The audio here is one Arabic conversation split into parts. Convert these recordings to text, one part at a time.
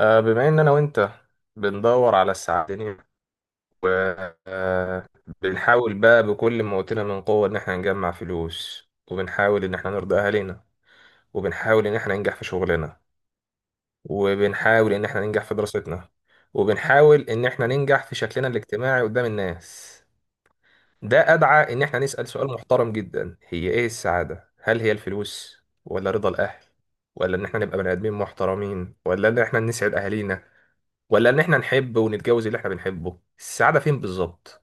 بما ان انا وانت بندور على السعادة، وبنحاول بقى بكل ما اوتنا من قوة ان احنا نجمع فلوس، وبنحاول ان احنا نرضي اهالينا، وبنحاول ان احنا ننجح في شغلنا، وبنحاول ان احنا ننجح في دراستنا، وبنحاول ان احنا ننجح في شكلنا الاجتماعي قدام الناس. ده ادعى ان احنا نسأل سؤال محترم جدا، هي ايه السعادة؟ هل هي الفلوس، ولا رضا الاهل، ولا ان احنا نبقى بني ادمين محترمين، ولا ان احنا نسعد اهالينا، ولا ان احنا نحب ونتجوز اللي احنا بنحبه؟ السعادة فين بالظبط؟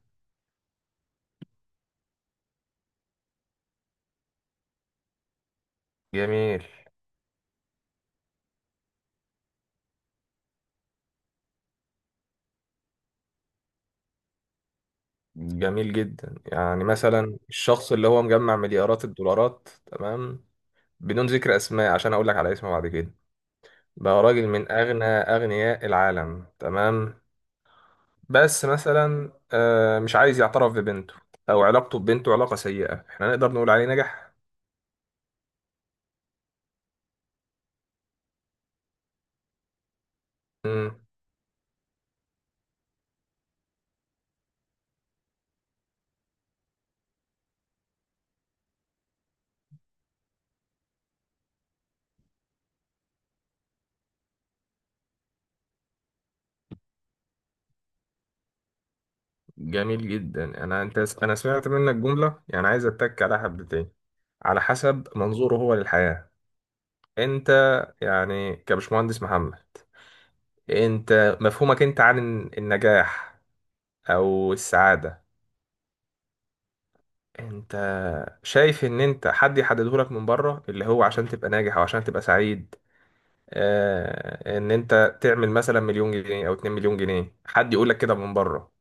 جميل جميل جدا. يعني مثلا الشخص اللي هو مجمع مليارات الدولارات، تمام، بدون ذكر اسماء عشان اقول لك على اسمه بعد كده، بقى راجل من اغنى اغنياء العالم، تمام، بس مثلا مش عايز يعترف ببنته، او علاقته ببنته علاقة سيئة. احنا نقدر نقول عليه نجح؟ مم. جميل جدا. انا سمعت منك جملة يعني عايز اتك عليها حبتين: على حسب منظوره هو للحياة. انت، يعني كبشمهندس محمد، انت مفهومك انت عن النجاح او السعادة، انت شايف ان انت حد يحدده لك من بره اللي هو عشان تبقى ناجح او عشان تبقى سعيد؟ ان انت تعمل مثلا مليون جنيه او 2 مليون جنيه، حد يقول لك كده من بره،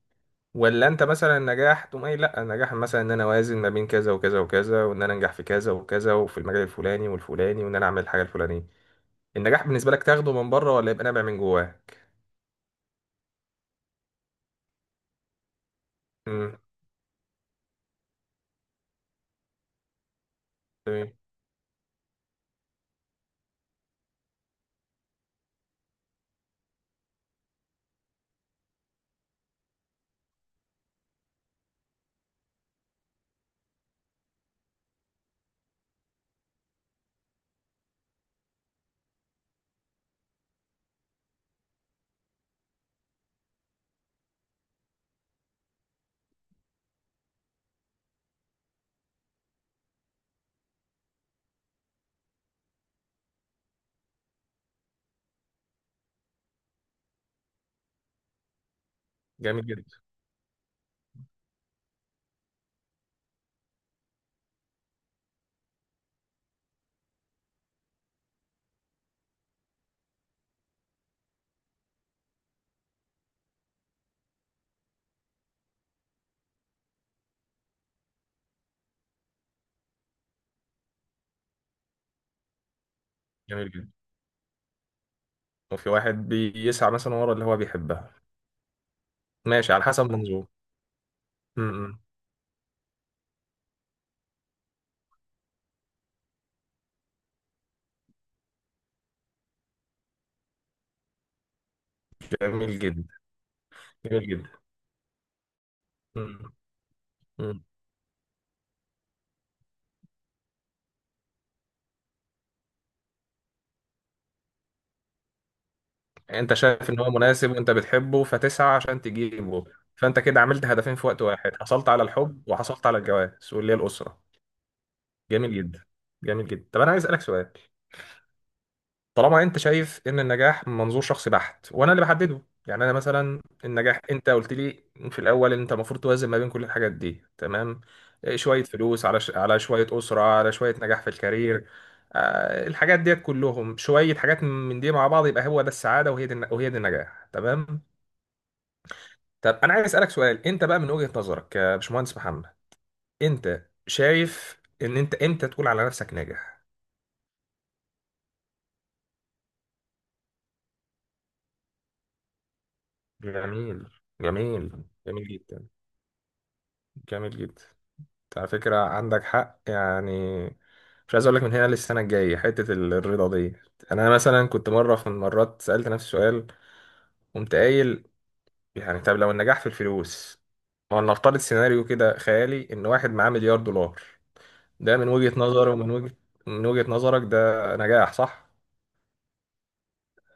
ولا انت مثلا النجاح تقوم قايل لا النجاح مثلا ان انا اوازن ما بين كذا وكذا وكذا، وان انا انجح في كذا وكذا وفي المجال الفلاني والفلاني، وان انا اعمل الحاجة الفلانية؟ النجاح بالنسبة لك تاخده من بره ولا يبقى نابع من جواك؟ تمام. جميل جدا. جميل جدا. وفي واحد بيسعى مثلا ورا اللي هو بيحبها، ماشي، على حسب منظور. امم جميل جدا. جميل جدا. امم أمم. انت شايف ان هو مناسب وانت بتحبه فتسعى عشان تجيبه، فانت كده عملت هدفين في وقت واحد: حصلت على الحب وحصلت على الجواز واللي هي الاسره. جميل جدا. جميل جدا. طب انا عايز اسالك سؤال. طالما انت شايف ان النجاح من منظور شخصي بحت وانا اللي بحدده، يعني انا مثلا النجاح انت قلت لي في الاول ان انت المفروض توازن ما بين كل الحاجات دي، تمام، شويه فلوس على شويه اسره على شويه نجاح في الكارير. الحاجات ديت كلهم، شويه حاجات من دي مع بعض، يبقى هو ده السعاده وهي دي النجاح، تمام. طب انا عايز اسالك سؤال، انت بقى من وجهه نظرك يا باشمهندس محمد، انت شايف ان انت امتى تقول على نفسك ناجح؟ جميل. جميل. جميل جدا. جميل جدا. على فكرة عندك حق يعني، مش عايز اقول لك من هنا للسنة الجاية حتة الرضا دي. انا مثلا كنت مرة في المرات سألت نفسي سؤال، قمت قايل يعني طب لو النجاح في الفلوس، ما نفترض سيناريو كده خيالي ان واحد معاه مليار دولار، ده من وجهة نظره ومن وجهة نظرك ده نجاح، صح؟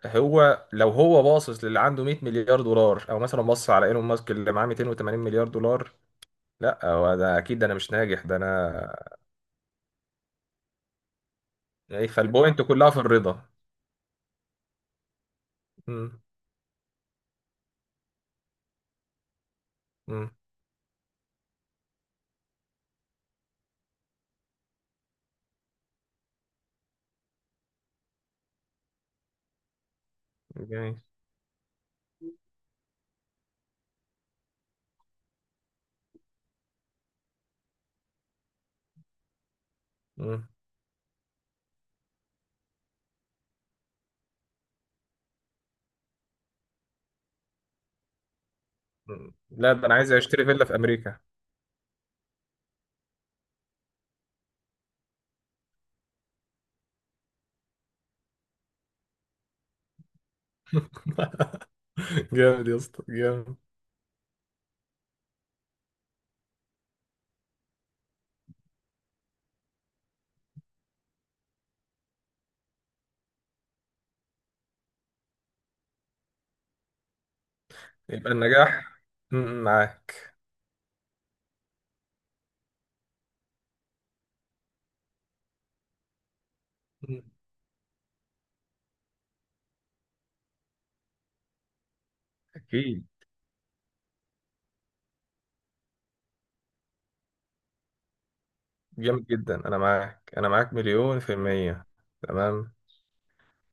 هو لو هو باصص للي عنده 100 مليار دولار، او مثلا بص على ايلون ماسك اللي معاه 280 مليار دولار، لا هو ده اكيد، ده انا مش ناجح، ده انا. يعني فالبوينت كلها في الرضا. مم. جميل. مم. مم. لا ده انا عايز اشتري فيلا في امريكا. جامد يا اسطى، جامد. يبقى النجاح. مم. معاك. مم. اكيد. جامد جدا. انا معاك، انا معاك مليون في المية. تمام.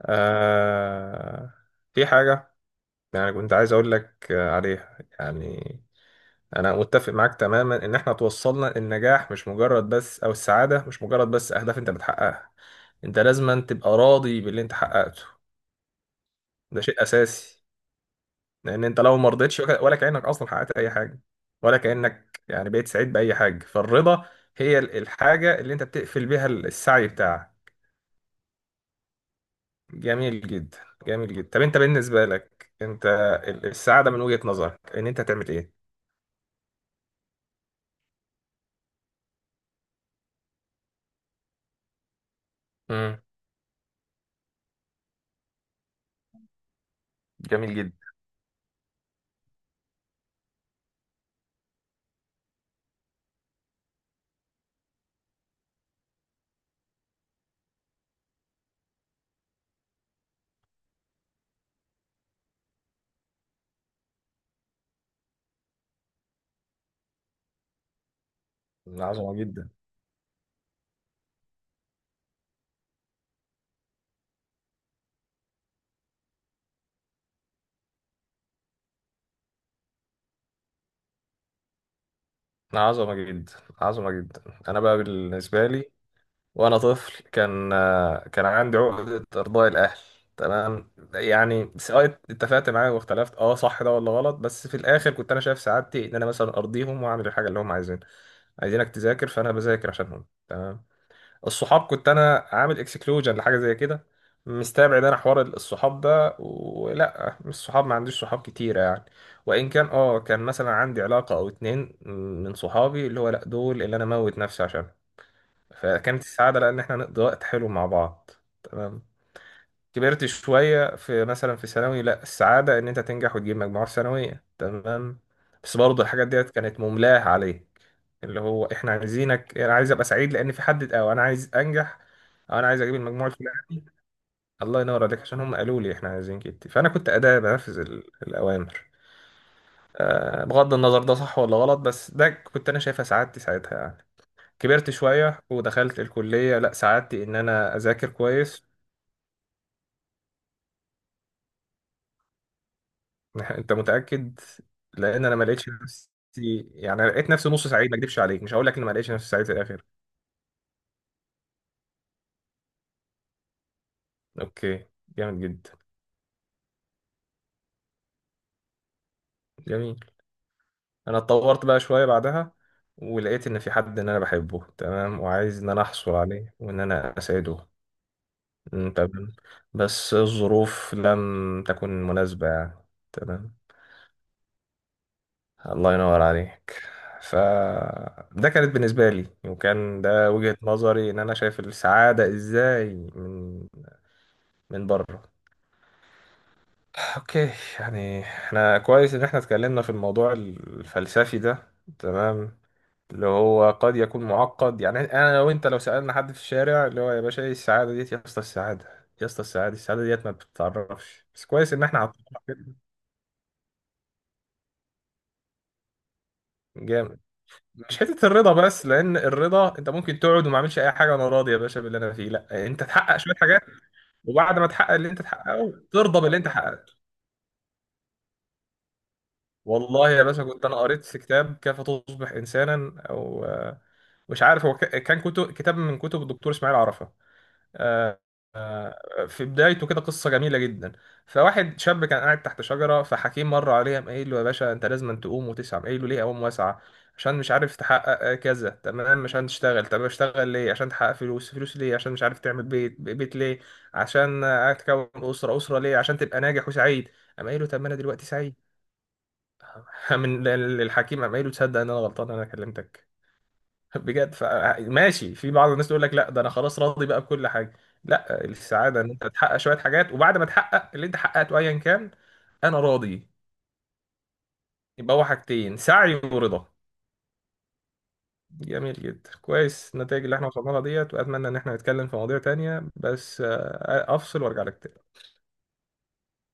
آه... في حاجة يعني كنت عايز اقول لك عليها يعني. انا متفق معاك تماما ان احنا توصلنا النجاح مش مجرد بس، او السعاده مش مجرد بس اهداف انت بتحققها، انت لازم أن تبقى راضي باللي انت حققته. ده شيء اساسي، لان انت لو ما رضيتش ولا كانك اصلا حققت اي حاجه ولا كانك يعني بقيت سعيد باي حاجه. فالرضا هي الحاجه اللي انت بتقفل بيها السعي بتاعك. جميل جدا. جميل جدا. طب انت بالنسبه لك، انت السعاده من وجهه نظرك ان انت تعمل ايه؟ امم جميل جدا. عظمه جدا. عظمه جدا. عظمه جدا. انا بقى بالنسبه لي، وانا طفل كان كان عندي عقدة ارضاء الاهل، تمام، يعني سواء اتفقت معايا واختلفت اه صح ده ولا غلط، بس في الاخر كنت انا شايف سعادتي ان انا مثلا ارضيهم واعمل الحاجه اللي هم عايزينها. عايزينك تذاكر، فانا بذاكر عشانهم، تمام. الصحاب كنت انا عامل اكسكلوجن لحاجه زي كده، مستبعد انا حوار الصحاب ده، ولا مش صحاب، ما عنديش صحاب كتيره يعني. وان كان اه كان مثلا عندي علاقه او اتنين من صحابي اللي هو لا دول اللي انا موت نفسي عشانهم، فكانت السعادة لأن إحنا نقضي وقت حلو مع بعض، تمام. كبرت شوية في مثلا في ثانوي، لأ السعادة إن أنت تنجح وتجيب مجموعة ثانوية، تمام، بس برضه الحاجات ديت كانت مملاة عليك، اللي هو إحنا عايزينك. أنا عايز أبقى سعيد لأن في حد، أو أنا عايز أنجح، أو أنا عايز أجيب المجموعة الفلانية. الله ينور عليك، عشان هم قالوا لي إحنا عايزين كده، فأنا كنت أداة بنفذ الأوامر. بغض النظر ده صح ولا غلط، بس ده كنت أنا شايفها سعادتي ساعتها يعني. كبرت شوية ودخلت الكلية، لا سعادتي إن أنا أذاكر كويس. أنت متأكد؟ لأن أنا ما لقيتش نفسي، يعني لقيت نفسي نص سعيد، ما أكدبش عليك، مش هقول لك إن ما لقيتش نفسي سعيد في الآخر. أوكي. جامد جدا. جميل. أنا اتطورت بقى شوية بعدها، ولقيت إن في حد إن أنا بحبه، تمام، وعايز إن أنا أحصل عليه وإن أنا أسعده. أمم، تمام. بس الظروف لم تكن مناسبة يعني، تمام. الله ينور عليك. ف ده كانت بالنسبة لي وكان ده وجهة نظري ان انا شايف السعادة ازاي، من من بره. اوكي. يعني احنا كويس ان احنا اتكلمنا في الموضوع الفلسفي ده، تمام، اللي هو قد يكون معقد يعني. انا لو انت لو سألنا حد في الشارع اللي هو يا باشا ايه السعادة ديت، يا اسطى السعادة، يا اسطى السعادة، السعادة ديت ما بتتعرفش، بس كويس ان احنا عطينا. جامد. مش حته الرضا بس، لان الرضا انت ممكن تقعد وما اعملش اي حاجه وانا راضي يا باشا باللي انا فيه. لا انت تحقق شويه حاجات وبعد ما تحقق اللي انت تحققه ترضى باللي انت حققته. والله يا باشا كنت انا قريت في كتاب كيف تصبح انسانا، او مش عارف هو كان كتب كتاب من كتب الدكتور اسماعيل عرفة، آه، في بدايته كده قصة جميلة جدا. فواحد شاب كان قاعد تحت شجرة، فحكيم مر عليه، قام قايل له يا باشا انت لازم أن تقوم وتسعى. قام قايل له ليه اقوم واسعى؟ عشان مش عارف تحقق كذا، تمام. عشان تشتغل. طب اشتغل ليه؟ عشان تحقق فلوس. فلوس ليه؟ عشان مش عارف تعمل بيت. بيت ليه؟ عشان تكون أسرة. أسرة ليه؟ عشان تبقى ناجح وسعيد. قام قايل له طب ما انا دلوقتي سعيد. من الحكيم قام قايل له تصدق ان انا غلطان انا كلمتك. بجد. ماشي. في بعض الناس تقول لك لا ده انا خلاص راضي بقى بكل حاجه. لا، السعاده ان انت تحقق شويه حاجات، وبعد ما تحقق اللي انت حققته ايا كان، انا راضي. يبقى هو حاجتين: سعي ورضا. جميل جدا. كويس النتائج اللي احنا وصلنا لها ديت، واتمنى ان احنا نتكلم في مواضيع تانية، بس افصل وارجع لك تاني.